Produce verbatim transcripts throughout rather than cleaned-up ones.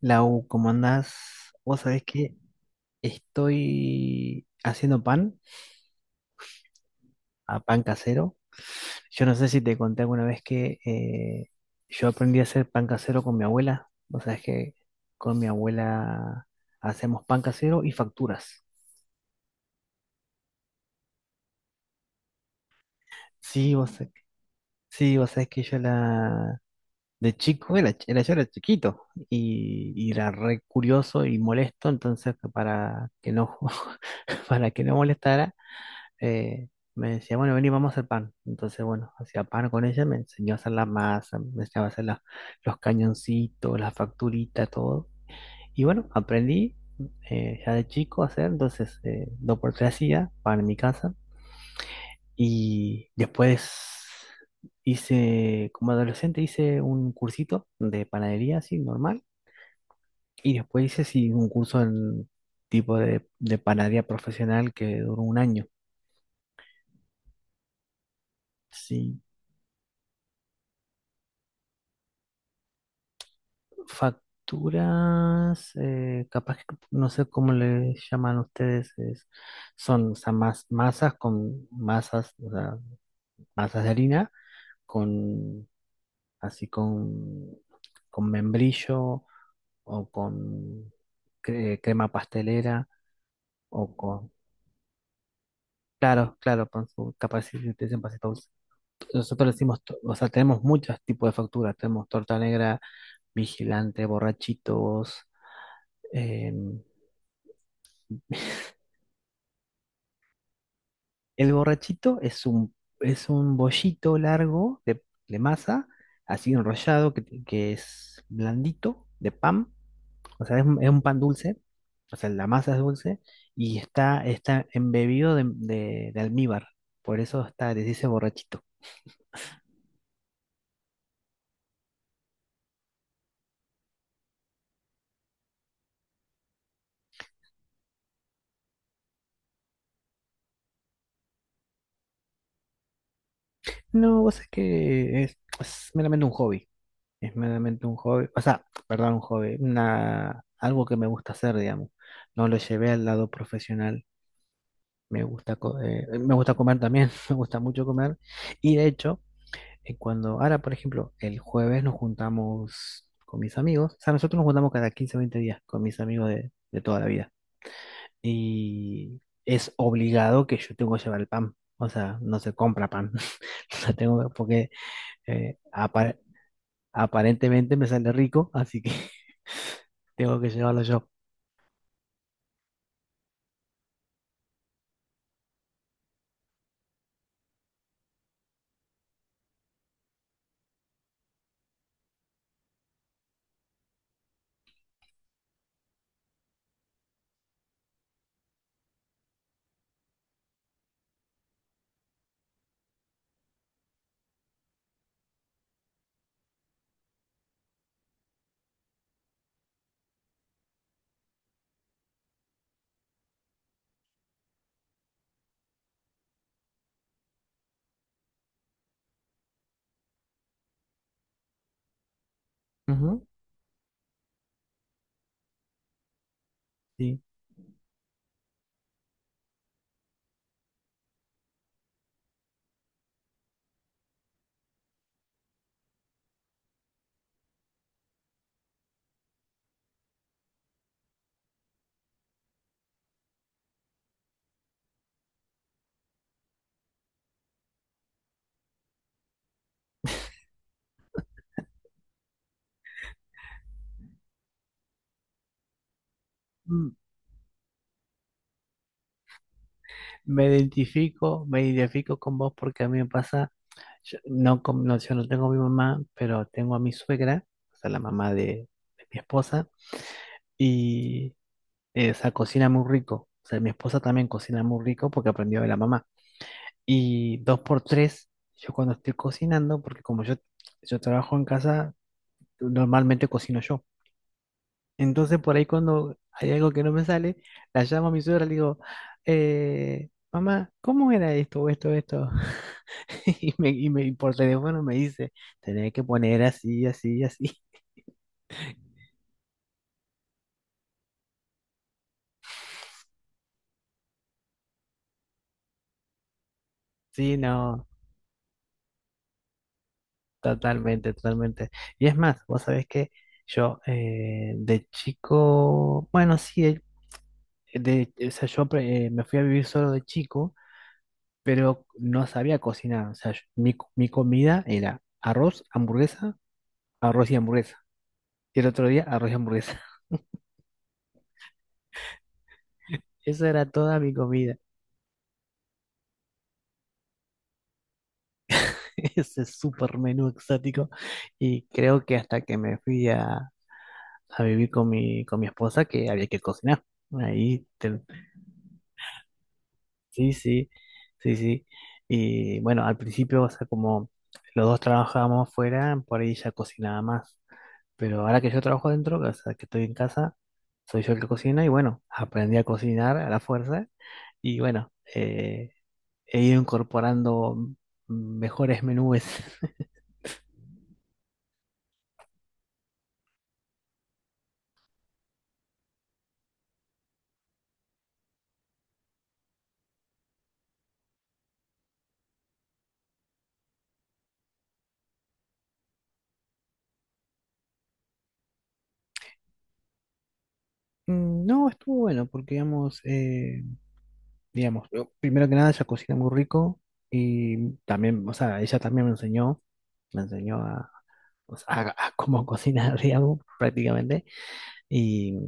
Lau, ¿cómo andás? Vos sabés que estoy haciendo pan, a pan casero. Yo no sé si te conté alguna vez que eh, yo aprendí a hacer pan casero con mi abuela. Vos sabés que con mi abuela hacemos pan casero y facturas. Sí, vos, sa- sí, vos sabés que yo la... De chico, era, ch- era- yo era chiquito y, y era re curioso y molesto, entonces para que no, para que no molestara eh, me decía, bueno, vení, vamos a hacer pan. Entonces, bueno, hacía pan con ella, me enseñó a hacer la masa, me enseñaba a hacer la- los cañoncitos, las facturitas, todo. Y bueno, aprendí eh, ya de chico a hacer, entonces eh, dos por tres hacía pan en mi casa. Y después hice, como adolescente, hice un cursito de panadería, así, normal. Y después hice, sí, un curso en tipo de, de panadería profesional que duró un año. Sí. Facturas, eh, capaz que no sé cómo le llaman ustedes, es- son, o sea, mas- masas con masas, o sea, masas de harina, con, así, con, con membrillo o con cre- crema pastelera o con, claro, claro, con su capacidad de ustedes en pasta dulce. Nosotros le decimos, to- o sea, tenemos muchos tipos de facturas, tenemos torta negra, vigilante, borrachitos, em, el borrachito es un, es un bollito largo de, de masa, así enrollado, que, que es blandito, de pan. O sea, es, un es un pan dulce. O sea, la masa es dulce y está, está embebido de, de- de almíbar. Por eso está, les dice borrachito. No, vos es que es, es meramente un hobby. Es meramente un hobby. O sea, perdón, un hobby. Una, algo que me gusta hacer, digamos. No lo llevé al lado profesional. Me gusta, co- eh, me gusta comer también, me gusta mucho comer. Y de hecho, eh, cuando ahora, por ejemplo, el jueves nos juntamos con mis amigos, o sea, nosotros nos juntamos cada quince o veinte días con mis amigos de, de toda la vida. Y es obligado que yo tengo que llevar el pan. O sea, no se compra pan. Lo tengo que- porque eh, apa- aparentemente me sale rico, así que tengo que llevarlo yo. Ujú. Sí. Mm. Me identifico, me identifico con vos porque a mí me pasa, yo no, con- no, yo no tengo a mi mamá, pero tengo a mi suegra, o sea, la mamá de, de mi esposa, y eh, o sea, cocina muy rico. O sea, mi esposa también cocina muy rico porque aprendió de la mamá. Y dos por tres, yo cuando estoy cocinando, porque como yo, yo trabajo en casa, normalmente cocino yo. Entonces, por ahí cuando hay algo que no me sale, la llamo a mi suegra y le digo, eh, mamá, ¿cómo era esto o esto, esto? Y me, y me- y por teléfono me dice, tenés que poner así, así, así. Sí, no, totalmente, totalmente. Y es más, vos sabés que yo, eh, de chico, bueno, sí, eh, de, o sea, yo, eh, me fui a vivir solo de chico, pero no sabía cocinar. O sea, yo- mi, co- mi comida era arroz, hamburguesa, arroz y hamburguesa. Y el otro día arroz y hamburguesa. Esa era toda mi comida, ese super menú exótico. Y creo que hasta que me fui a, a vivir con mi, con mi esposa que había que cocinar. Ahí, te- sí, sí, sí, sí. Y bueno, al principio, o sea, como los dos trabajábamos fuera, por ahí ya cocinaba más. Pero ahora que yo trabajo adentro, o sea, que estoy en casa, soy yo el que cocina y bueno, aprendí a cocinar a la fuerza. Y bueno, eh, he ido incorporando mejores menús. No, estuvo bueno porque, digamos, eh, digamos, yo, primero que nada ella cocina muy rico y también, o sea, ella también me enseñó, me enseñó a, o sea, a- a cómo cocinar, digamos, prácticamente. Y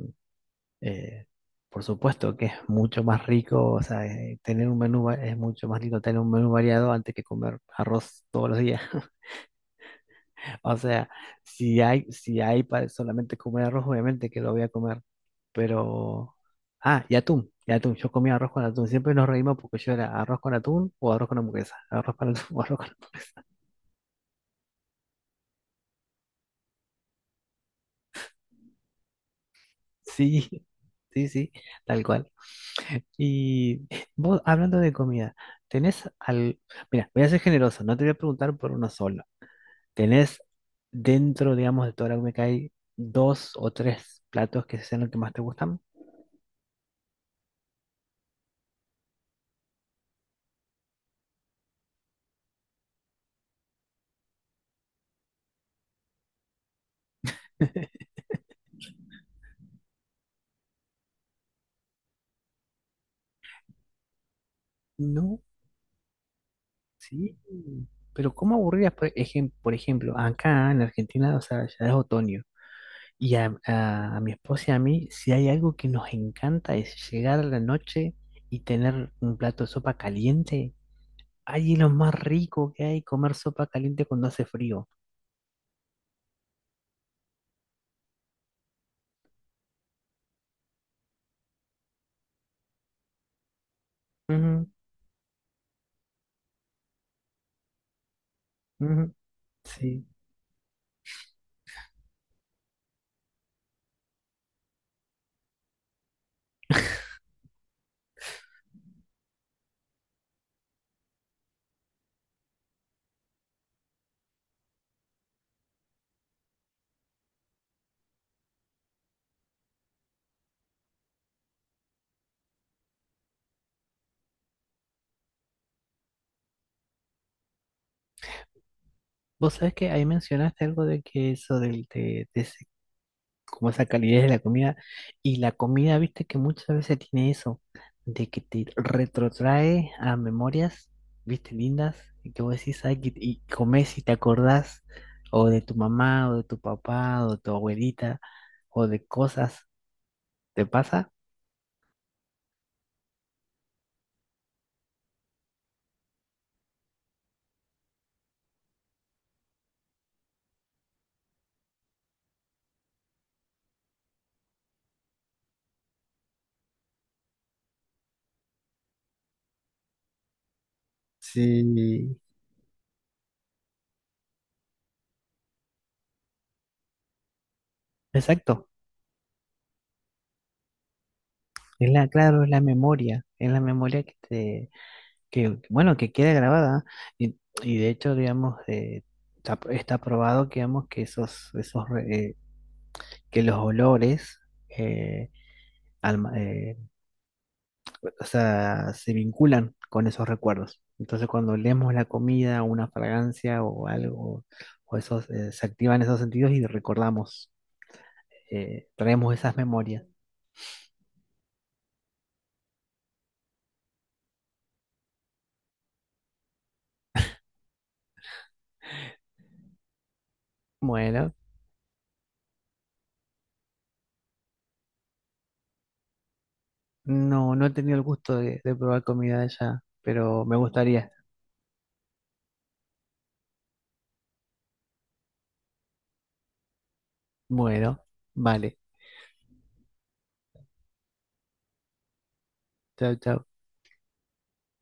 eh, por supuesto que es mucho más rico, o sea, eh, tener un menú, va- es mucho más lindo tener un menú variado antes que comer arroz todos los días. O sea, si hay, si hay para solamente comer arroz, obviamente que lo voy a comer. Pero. Ah, y atún, y atún. Yo comía arroz con atún. Siempre nos reímos porque yo era arroz con atún o arroz con hamburguesa. Arroz con atún o arroz con atún. Sí, sí, sí, tal cual. Y vos, hablando de comida, ¿tenés al... Mira, voy a ser generoso, no te voy a preguntar por uno solo. ¿Tenés dentro, digamos, de toda la comida que hay dos o tres platos que sean los que más te gustan? No. Sí, pero ¿cómo aburridas? Por ejem- por ejemplo, acá en Argentina, o sea, ya es otoño. Y a, a- a mi esposa y a mí, si hay algo que nos encanta es llegar a la noche y tener un plato de sopa caliente. Ay, es lo más rico que hay, comer sopa caliente cuando hace frío. Ujú, ujú, sí. Vos sabés que ahí mencionaste algo de que eso del, de, como esa calidez de la comida. Y la comida, viste que muchas veces tiene eso, de que te retrotrae a memorias, viste, lindas, y que vos decís, ay, que- y comés y te acordás, o de tu mamá, o de tu papá, o de tu abuelita, o de cosas. ¿Te pasa? Sí. Exacto. Es la, claro, es la memoria, es la memoria que te, que, bueno, que queda grabada. Y, y de hecho, digamos, eh, está, está probado, digamos, que esos, esos eh, que los olores, eh, alma- eh, o sea, se vinculan con esos recuerdos. Entonces, cuando leemos la comida, una fragancia o algo, o esos, eh, se activan esos sentidos y recordamos, eh, traemos esas memorias. Bueno, no, no he tenido el gusto de, de probar comida de allá, pero me gustaría. Bueno, vale. Chao, chao.